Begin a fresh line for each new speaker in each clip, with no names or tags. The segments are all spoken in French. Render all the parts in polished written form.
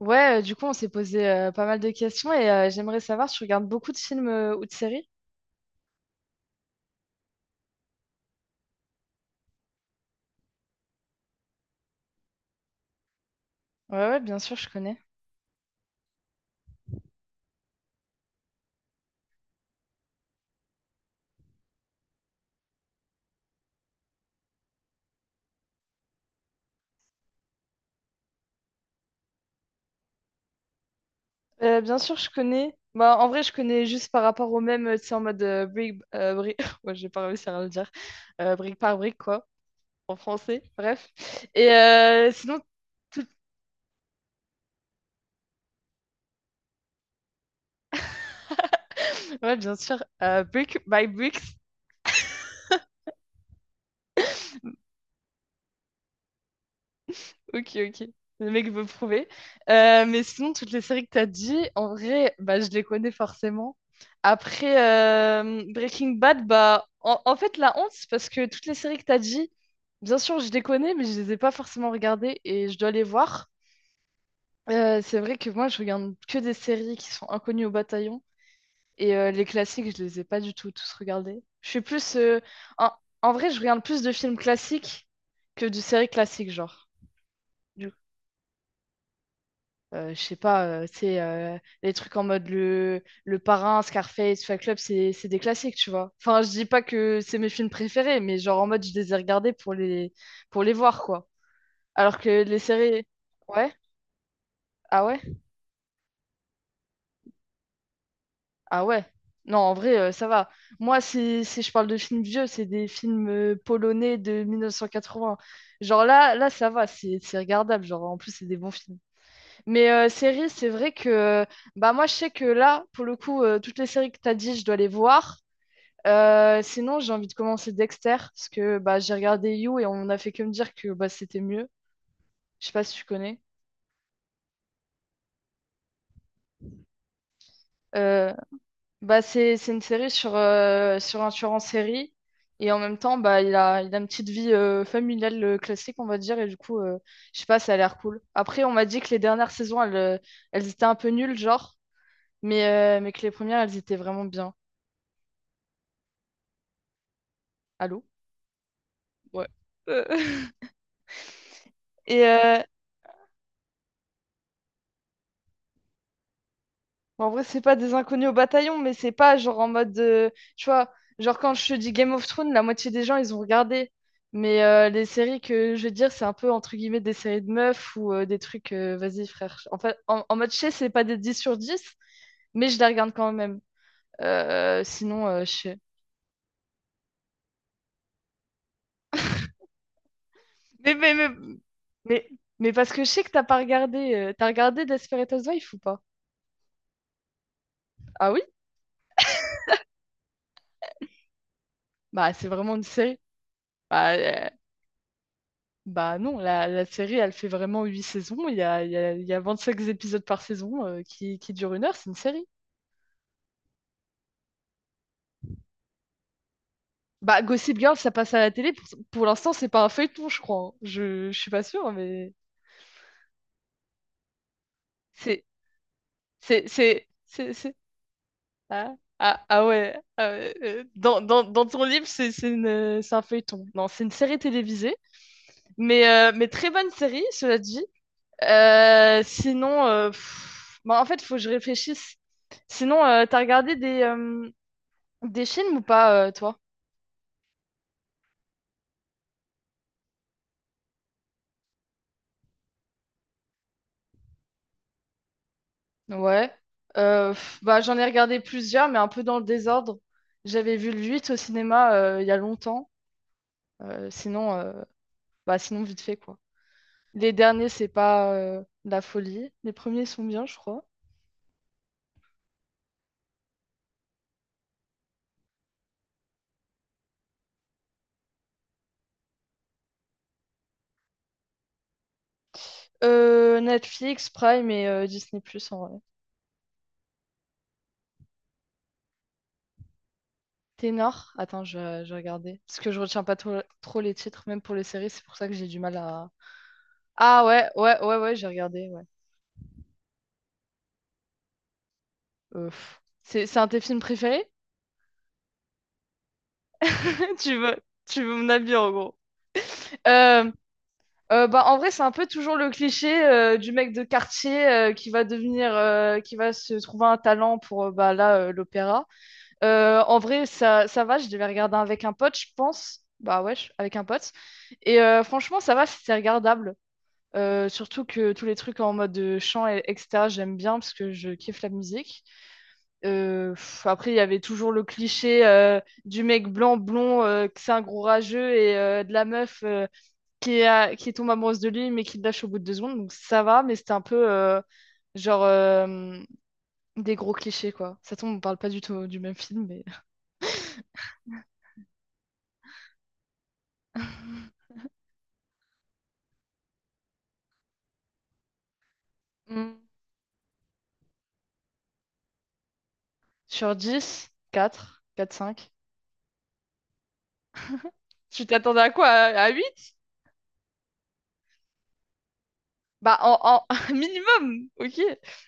Ouais, du coup, on s'est posé pas mal de questions et j'aimerais savoir si tu regardes beaucoup de films ou de séries? Ouais, ouais, bien sûr, je connais. Bien sûr, je connais. Bah, en vrai, je connais juste par rapport au même, tu sais, en mode brique, ouais, j'ai pas réussi à le dire. Brique par brique, quoi, en français, bref. Et sinon, tout... ouais, bien sûr, brick by bricks. Ok, ok. Le mec veut prouver. Mais sinon, toutes les séries que t'as dit, en vrai, bah, je les connais forcément. Après Breaking Bad, bah, en fait, la honte, c'est parce que toutes les séries que t'as dit, bien sûr, je les connais, mais je les ai pas forcément regardées et je dois les voir. C'est vrai que moi, je regarde que des séries qui sont inconnues au bataillon et les classiques, je les ai pas du tout tous regardés. Je suis plus. En, en vrai je regarde plus de films classiques que de séries classiques, genre. Je sais pas, c'est les trucs en mode le parrain, Scarface, Fight Club, c'est des classiques, tu vois. Enfin, je dis pas que c'est mes films préférés, mais genre en mode je les ai regardés pour les voir, quoi. Alors que les séries. Ouais? Ah ouais? Ah ouais? Non, en vrai, ça va. Moi, si je parle de films vieux, c'est des films polonais de 1980. Genre là, là, ça va, c'est regardable. Genre, en plus, c'est des bons films. Mais série, c'est vrai que bah moi je sais que là, pour le coup, toutes les séries que tu as dit, je dois les voir. Sinon, j'ai envie de commencer Dexter, parce que bah, j'ai regardé You et on n'a fait que me dire que bah, c'était mieux. Je sais pas si tu connais. Euh, Bah, c'est une série sur, sur un tueur en série. Et en même temps, bah, il a une petite vie familiale classique, on va dire. Et du coup, je sais pas, ça a l'air cool. Après, on m'a dit que les dernières saisons, elles étaient un peu nulles, genre. Mais, mais que les premières, elles étaient vraiment bien. Allô? Ouais. Euh, Et bon, en vrai, c'est pas des inconnus au bataillon, mais c'est pas genre en mode. Tu vois, genre quand je te dis Game of Thrones, la moitié des gens, ils ont regardé. Mais les séries que je veux dire, c'est un peu entre guillemets des séries de meufs ou des trucs. Vas-y, frère. En fait, en mode chez, c'est pas des 10 sur 10 mais je les regarde quand même. Sinon, je sais. Mais, mais, mais, mais, mais parce que je sais que t'as pas regardé. T'as regardé Desperate Housewives ou pas? Ah oui? Bah, c'est vraiment une série. Bah, euh, Bah non, la série, elle fait vraiment huit saisons. Il y a, il y a, il y a 25 épisodes par saison qui durent une heure, c'est une série. Bah, Gossip Girl, ça passe à la télé. Pour l'instant, c'est pas un feuilleton, je crois, hein. Je suis pas sûre, mais c'est... c'est, c'est, c'est, c'est- Ah, ouais. Ah ouais, dans ton livre, c'est un feuilleton. Non, c'est une série télévisée, mais très bonne série, cela dit. Sinon, pff, bah, en fait, faut que je réfléchisse. Sinon, t'as regardé des films ou pas, toi? Ouais. Pff, bah, j'en ai regardé plusieurs, mais un peu dans le désordre. J'avais vu le 8 au cinéma il y a longtemps. Sinon, bah, sinon, vite fait, quoi. Les derniers, c'est pas la folie. Les premiers sont bien, je crois. Netflix, Prime et Disney+, en vrai. Ténor? Attends, je vais regarder. Parce que je retiens pas trop, trop les titres, même pour les séries. C'est pour ça que j'ai du mal à... Ah ouais, ouais, ouais, ouais, j'ai regardé, ouais. Pff. C'est un de tes films préférés? Tu veux, tu veux mon avis en gros. Euh, Bah, en vrai, c'est un peu toujours le cliché du mec de quartier qui va devenir, qui va se trouver un talent pour bah, là, l'opéra. En vrai, ça va, je devais regarder avec un pote, je pense. Bah ouais, avec un pote. Et franchement, ça va, c'est regardable. Surtout que tous les trucs en mode chant, etc., j'aime bien parce que je kiffe la musique. Heu, Après, il y avait toujours le cliché, du mec blanc, blond, que c'est un gros rageux et de la meuf, qui est a qui tombe amoureuse de lui, mais qui le lâche au bout de 2 secondes, donc ça va, mais c'était un peu, genre, des gros clichés, quoi. Ça tombe, on parle pas du tout du même film, mais Mmh. Sur dix, quatre, quatre cinq. Tu t'attendais à quoi? À huit. Bah, un minimum, ok?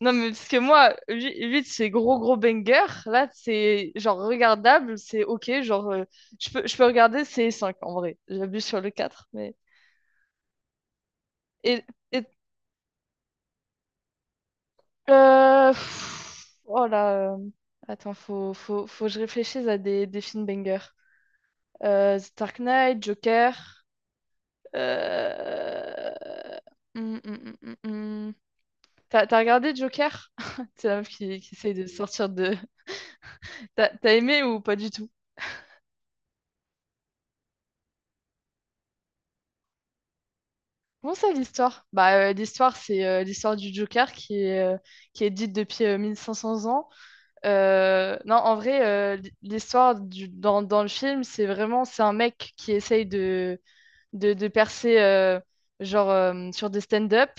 Non, mais parce que moi, 8 c'est gros, gros banger. Là, c'est genre regardable, c'est ok. Genre, je peux regarder, c'est 5 en vrai. J'abuse sur le 4 mais. Et, et Pff, oh là. Attends, faut que je réfléchisse à des films banger. The Dark Knight, Joker. Euh... hum, hum, hum, hum, hum. T'as regardé Joker? C'est la meuf qui essaye de sortir de, T'as aimé ou pas du tout? Comment ça, l'histoire? Bah, l'histoire, c'est l'histoire du Joker qui est dite depuis 1500 ans. Non, en vrai, dans le film, c'est vraiment, c'est un mec qui essaye de percer genre sur des stand-up.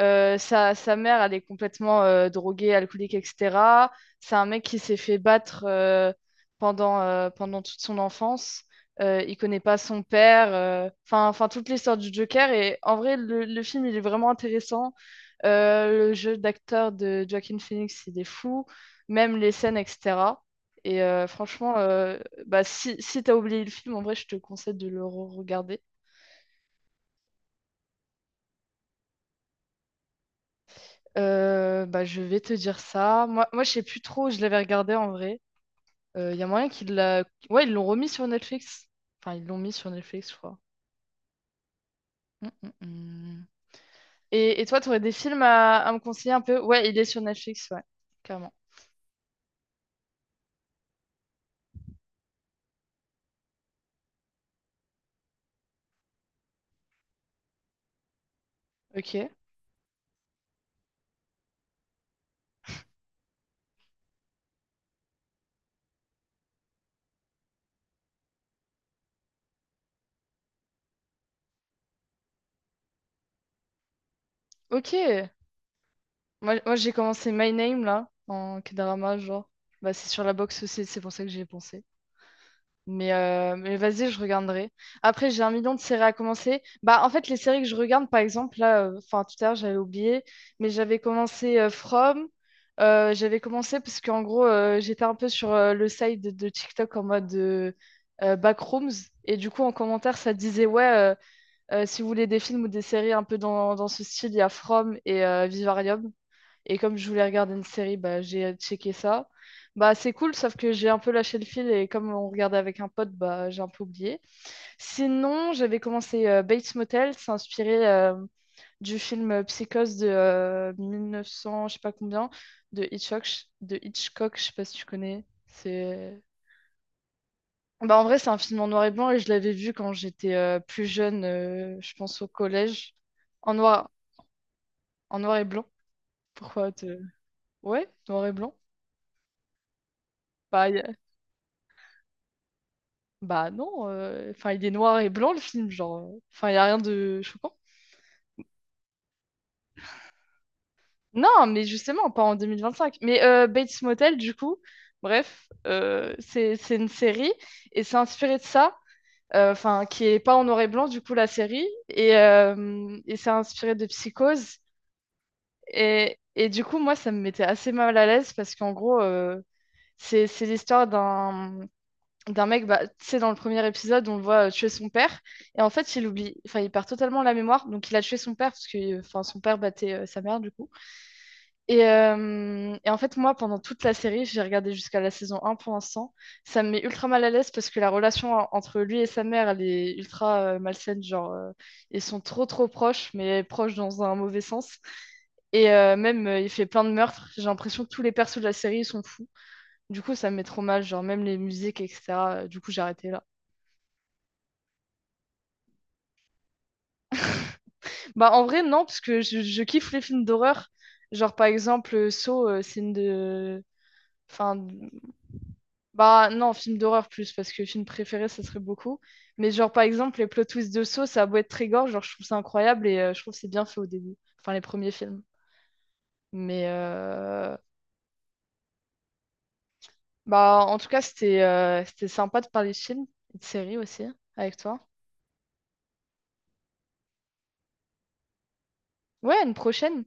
Sa mère, elle est complètement droguée, alcoolique, etc. C'est un mec qui s'est fait battre pendant toute son enfance. Il connaît pas son père. Enfin toute l'histoire du Joker. Et en vrai, le film, il est vraiment intéressant. Le jeu d'acteur de Joaquin Phoenix, il est fou. Même les scènes, etc. Et franchement, bah, si t'as oublié le film, en vrai, je te conseille de le regarder. Bah, je vais te dire ça. Je sais plus trop où je l'avais regardé en vrai. Il y a moyen qu'ils l'a... Ouais, ils l'ont remis sur Netflix. Enfin, ils l'ont mis sur Netflix, je crois. Mm, mm, mm. Et toi, tu aurais des films à me conseiller un peu? Ouais, il est sur Netflix, ouais, clairement. Ok. Ok. Moi j'ai commencé My Name, là, en K-drama, genre. Bah, c'est sur la box aussi, c'est pour ça que j'y ai pensé. Mais vas-y, je regarderai. Après, j'ai un million de séries à commencer. Bah, en fait, les séries que je regarde, par exemple, là, enfin, tout à l'heure, j'avais oublié, mais j'avais commencé From. J'avais commencé parce qu'en gros, j'étais un peu sur le site de TikTok en mode Backrooms. Et du coup, en commentaire, ça disait, ouais, si vous voulez des films ou des séries un peu dans ce style, il y a From et Vivarium. Et comme je voulais regarder une série, bah, j'ai checké ça. Bah, c'est cool, sauf que j'ai un peu lâché le fil et comme on regardait avec un pote, bah, j'ai un peu oublié. Sinon, j'avais commencé Bates Motel, c'est inspiré du film Psychose de 1900, je sais pas combien, de Hitchcock, de Hitchcock, je sais pas si tu connais. C'est... Bah, en vrai, c'est un film en noir et blanc et je l'avais vu quand j'étais plus jeune, je pense au collège, en noir, en noir et blanc. Pourquoi te... Ouais, noir et blanc. Bah, Bah non, enfin il est noir et blanc le film, genre, enfin il n'y a rien de choquant. Non, mais justement, pas en 2025. Mais Bates Motel, du coup, bref, c'est une série et c'est inspiré de ça, enfin qui est pas en noir et blanc, du coup, la série, et c'est inspiré de Psychose. Et du coup, moi, ça me mettait assez mal à l'aise parce qu'en gros, c'est l'histoire d'un mec, bah, tu sais, dans le premier épisode, on le voit tuer son père. Et en fait, il oublie, enfin, il perd totalement la mémoire. Donc, il a tué son père parce que, enfin, son père battait sa mère, du coup. Et en fait, moi, pendant toute la série, j'ai regardé jusqu'à la saison un pour l'instant. Ça me met ultra mal à l'aise parce que la relation entre lui et sa mère, elle est ultra malsaine. Genre, ils sont trop, trop proches, mais proches dans un mauvais sens. Et même, il fait plein de meurtres. J'ai l'impression que tous les persos de la série, ils sont fous. Du coup, ça me met trop mal, genre, même les musiques, etc. Du coup, j'ai arrêté là. Bah, en vrai, non, parce que je kiffe les films d'horreur. Genre, par exemple, Saw, c'est une de. Enfin, bah, non, film d'horreur plus, parce que film préféré, ça serait beaucoup. Mais, genre, par exemple, les plot twists de Saw, ça a beau être très gore, genre, je trouve ça incroyable et je trouve que c'est bien fait au début. Enfin, les premiers films. Mais, euh, Bah, en tout cas, c'était sympa de parler de films et de séries aussi, avec toi. Ouais, à une prochaine.